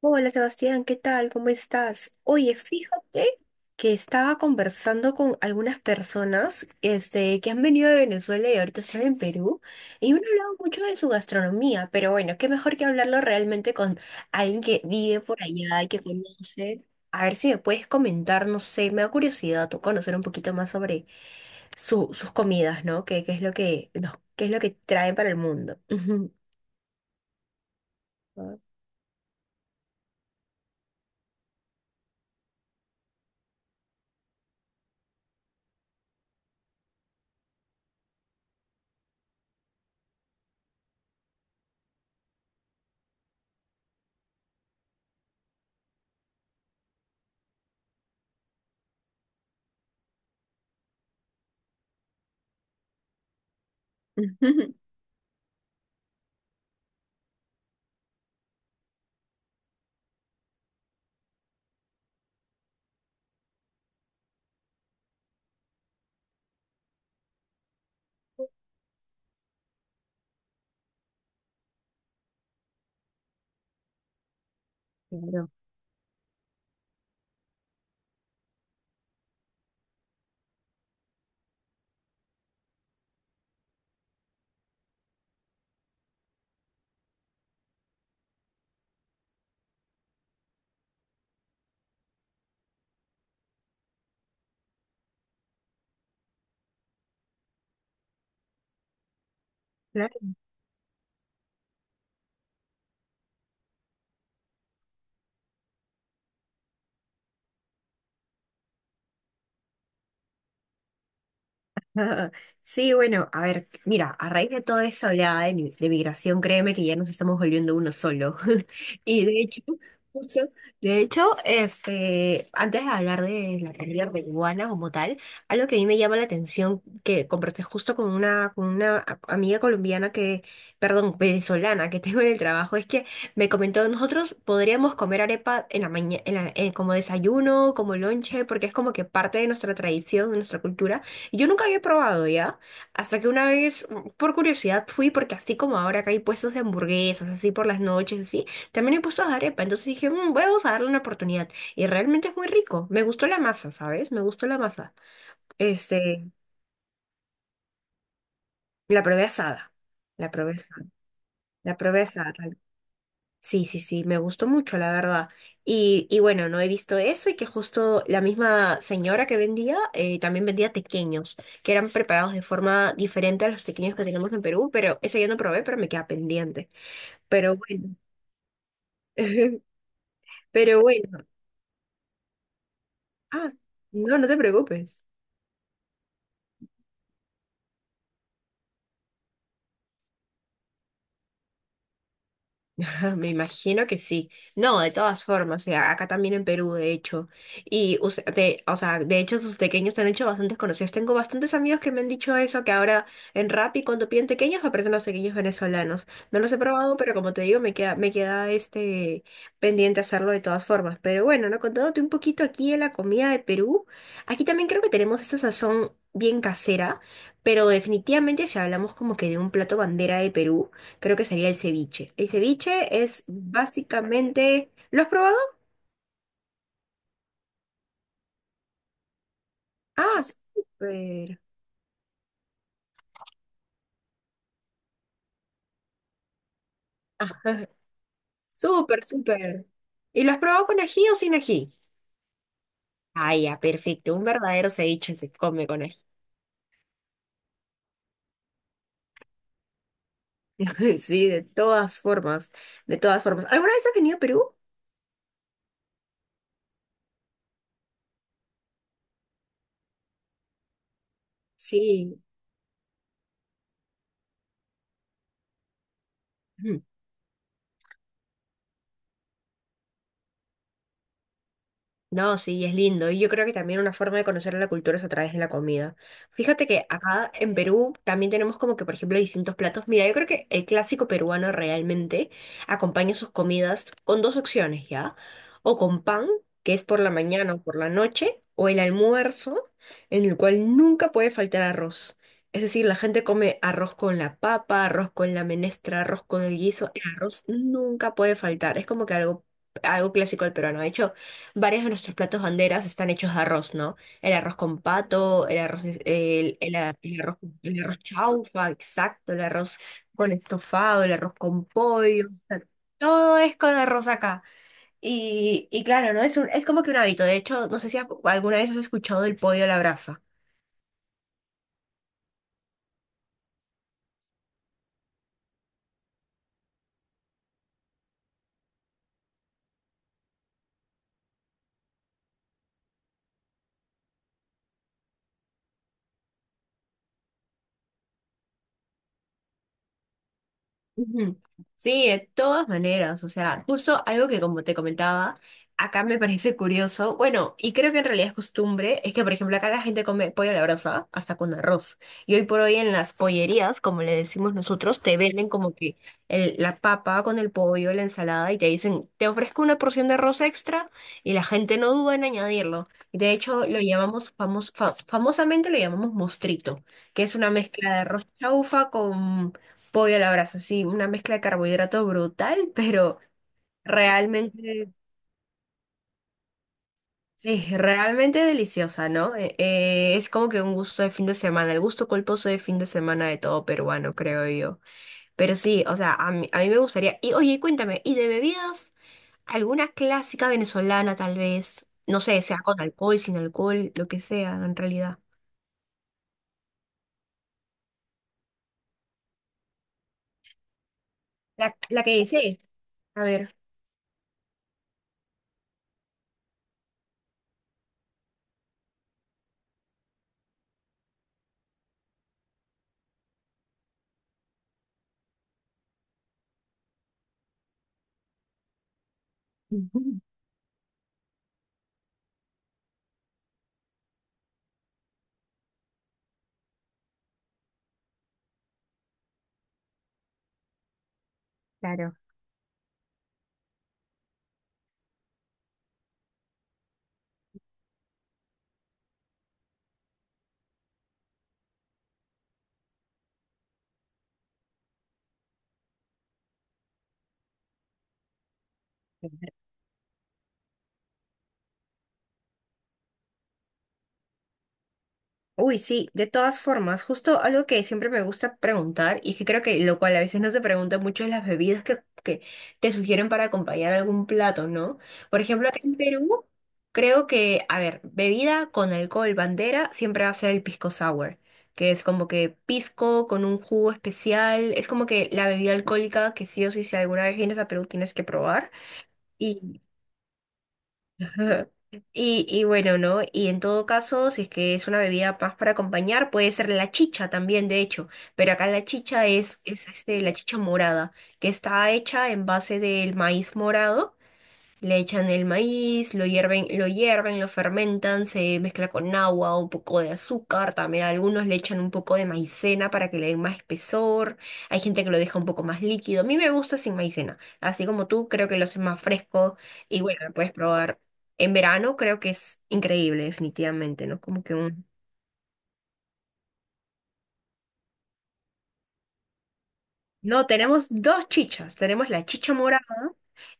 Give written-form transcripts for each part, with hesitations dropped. Hola Sebastián, ¿qué tal? ¿Cómo estás? Oye, fíjate que estaba conversando con algunas personas que han venido de Venezuela y ahorita están en Perú y me han hablado mucho de su gastronomía, pero bueno, qué mejor que hablarlo realmente con alguien que vive por allá y que conoce. A ver si me puedes comentar, no sé, me da curiosidad tú conocer un poquito más sobre sus comidas, ¿no? ¿Qué, qué es lo que, no, qué es lo que traen para el mundo? Ujú. Claro, claro, sí, bueno, a ver, mira, a raíz de toda esa oleada de, de migración, créeme que ya nos estamos volviendo uno solo. Y de hecho, justo, de hecho, antes de hablar de la comida peruana como tal, algo que a mí me llama la atención, que conversé justo con una, amiga colombiana que, perdón, venezolana que tengo en el trabajo, es que me comentó, nosotros podríamos comer arepa en la mañana, como desayuno, como lonche, porque es como que parte de nuestra tradición, de nuestra cultura yo nunca había probado ya, hasta que una vez, por curiosidad, fui porque así como ahora acá hay puestos de hamburguesas, así por las noches, así, también hay puestos de arepa, entonces dije, "Mm, voy a darle una oportunidad. Y realmente es muy rico. Me gustó la masa, ¿sabes? Me gustó la masa. Este, la probé asada. La probé asada. La probé asada. Sí, sí, sí, me gustó mucho, la verdad. Y bueno, no he visto eso y que justo la misma señora que vendía también vendía tequeños, que eran preparados de forma diferente a los tequeños que tenemos en Perú, pero ese yo no probé, pero me queda pendiente. Pero bueno, pero bueno. Ah, no, no te preocupes. Me imagino que sí. No, de todas formas, o sea, acá también en Perú, de hecho. Y, o sea, de hecho, sus pequeños se han hecho bastante conocidos. Tengo bastantes amigos que me han dicho eso, que ahora en Rappi, cuando piden pequeños, aparecen los pequeños venezolanos. No los he probado, pero como te digo, me queda, me queda pendiente hacerlo de todas formas. Pero bueno, ¿no? Contándote un poquito aquí de la comida de Perú. Aquí también creo que tenemos esa sazón bien casera, pero definitivamente si hablamos como que de un plato bandera de Perú. Creo que sería el ceviche. El ceviche es básicamente... ¿Lo has probado? Ah, súper. Ajá, súper, súper. ¿Y lo has probado con ají o sin ají? Ah, ya, perfecto. Un verdadero ceviche se come con ají. Sí, de todas formas, de todas formas. ¿Alguna vez has venido a Perú? Sí. No, sí, es lindo. Y yo creo que también una forma de conocer la cultura es a través de la comida. Fíjate que acá en Perú también tenemos como que, por ejemplo, distintos platos. Mira, yo creo que el clásico peruano realmente acompaña sus comidas con dos opciones, ¿ya? O con pan, que es por la mañana o por la noche, o el almuerzo, en el cual nunca puede faltar arroz. Es decir, la gente come arroz con la papa, arroz con la menestra, arroz con el guiso. El arroz nunca puede faltar. Es como que algo, algo clásico del peruano. De hecho, varios de nuestros platos banderas están hechos de arroz, ¿no? El arroz con pato, el arroz chaufa, exacto, el arroz con estofado, el arroz con pollo, o sea, todo es con arroz acá. Y claro, ¿no? Es como que un hábito. De hecho, no sé si alguna vez has escuchado el pollo a la brasa. Ujú. Sí, de todas maneras, o sea, justo algo que como te comentaba, acá me parece curioso, bueno, y creo que en realidad es costumbre, es que por ejemplo acá la gente come pollo a la brasa hasta con arroz, y hoy por hoy en las pollerías, como le decimos nosotros, te venden como que la papa con el pollo, la ensalada, y te dicen, te ofrezco una porción de arroz extra, y la gente no duda en añadirlo, de hecho lo llamamos, famosamente lo llamamos mostrito, que es una mezcla de arroz chaufa, pollo a la brasa, sí, una mezcla de carbohidrato brutal, pero realmente, sí, realmente deliciosa, ¿no? Es como que un gusto de fin de semana, el gusto culposo de fin de semana de todo peruano, creo yo. Pero sí, o sea, a mí me gustaría. Y oye, cuéntame, ¿y de bebidas? ¿Alguna clásica venezolana tal vez? No sé, sea con alcohol, sin alcohol, lo que sea, en realidad. La que dices. A ver. Ujú, claro. Uy, sí, de todas formas, justo algo que siempre me gusta preguntar y que creo que lo cual a veces no se pregunta mucho es las bebidas que te sugieren para acompañar algún plato, ¿no? Por ejemplo, acá en Perú, creo que, a ver, bebida con alcohol, bandera, siempre va a ser el pisco sour, que es como que pisco con un jugo especial, es como que la bebida alcohólica que sí o sí, si alguna vez vienes a Perú tienes que probar. Ajá. Y bueno, ¿no? Y en todo caso, si es que es una bebida más para acompañar, puede ser la chicha también, de hecho. Pero acá la chicha es, la chicha morada, que está hecha en base del maíz morado. Le echan el maíz, lo hierven, lo hierven, lo fermentan, se mezcla con agua, un poco de azúcar, también a algunos le echan un poco de maicena para que le den más espesor. Hay gente que lo deja un poco más líquido. A mí me gusta sin maicena, así como tú, creo que lo hace más fresco y bueno, lo puedes probar en verano, creo que es increíble, definitivamente, ¿no? Como que un... No, tenemos dos chichas, tenemos la chicha morada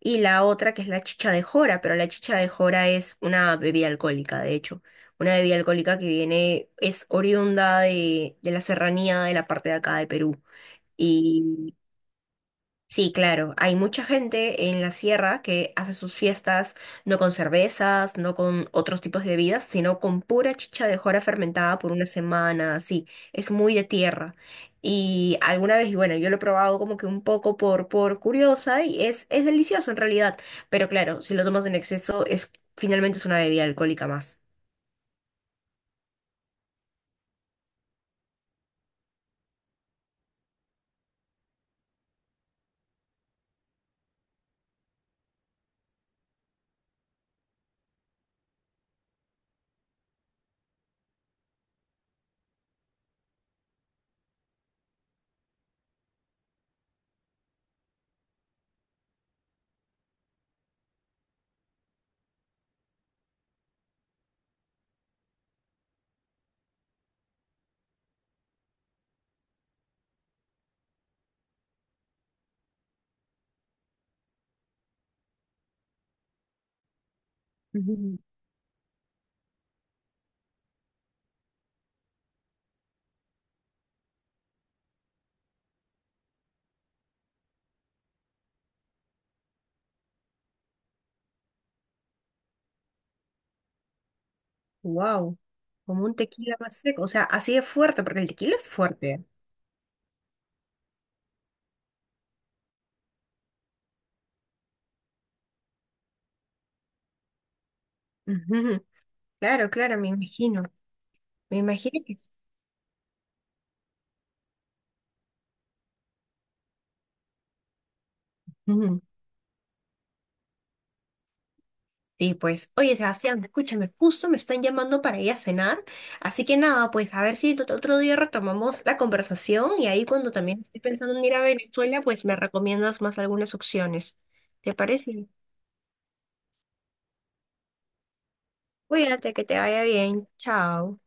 y la otra que es la chicha de jora, pero la chicha de jora es una bebida alcohólica, de hecho. Una bebida alcohólica que viene, es oriunda de la serranía de la parte de acá de Perú. Sí, claro. Hay mucha gente en la sierra que hace sus fiestas no con cervezas, no con otros tipos de bebidas, sino con pura chicha de jora fermentada por una semana, así. Es muy de tierra. Y alguna vez, y bueno, yo lo he probado como que un poco por curiosa y es delicioso en realidad. Pero claro, si lo tomas en exceso, es finalmente es una bebida alcohólica más. Wow, como un tequila más seco, o sea, así de fuerte, porque el tequila es fuerte. Ujú, claro, claro, me imagino. Me imagino que sí. Ujú. Sí, pues, oye, Sebastián, escúchame, justo me están llamando para ir a cenar, así que nada, pues a ver si otro día retomamos la conversación y ahí cuando también esté pensando en ir a Venezuela, pues me recomiendas más algunas opciones. ¿Te parece? Cuídate, que te vaya bien. Chao.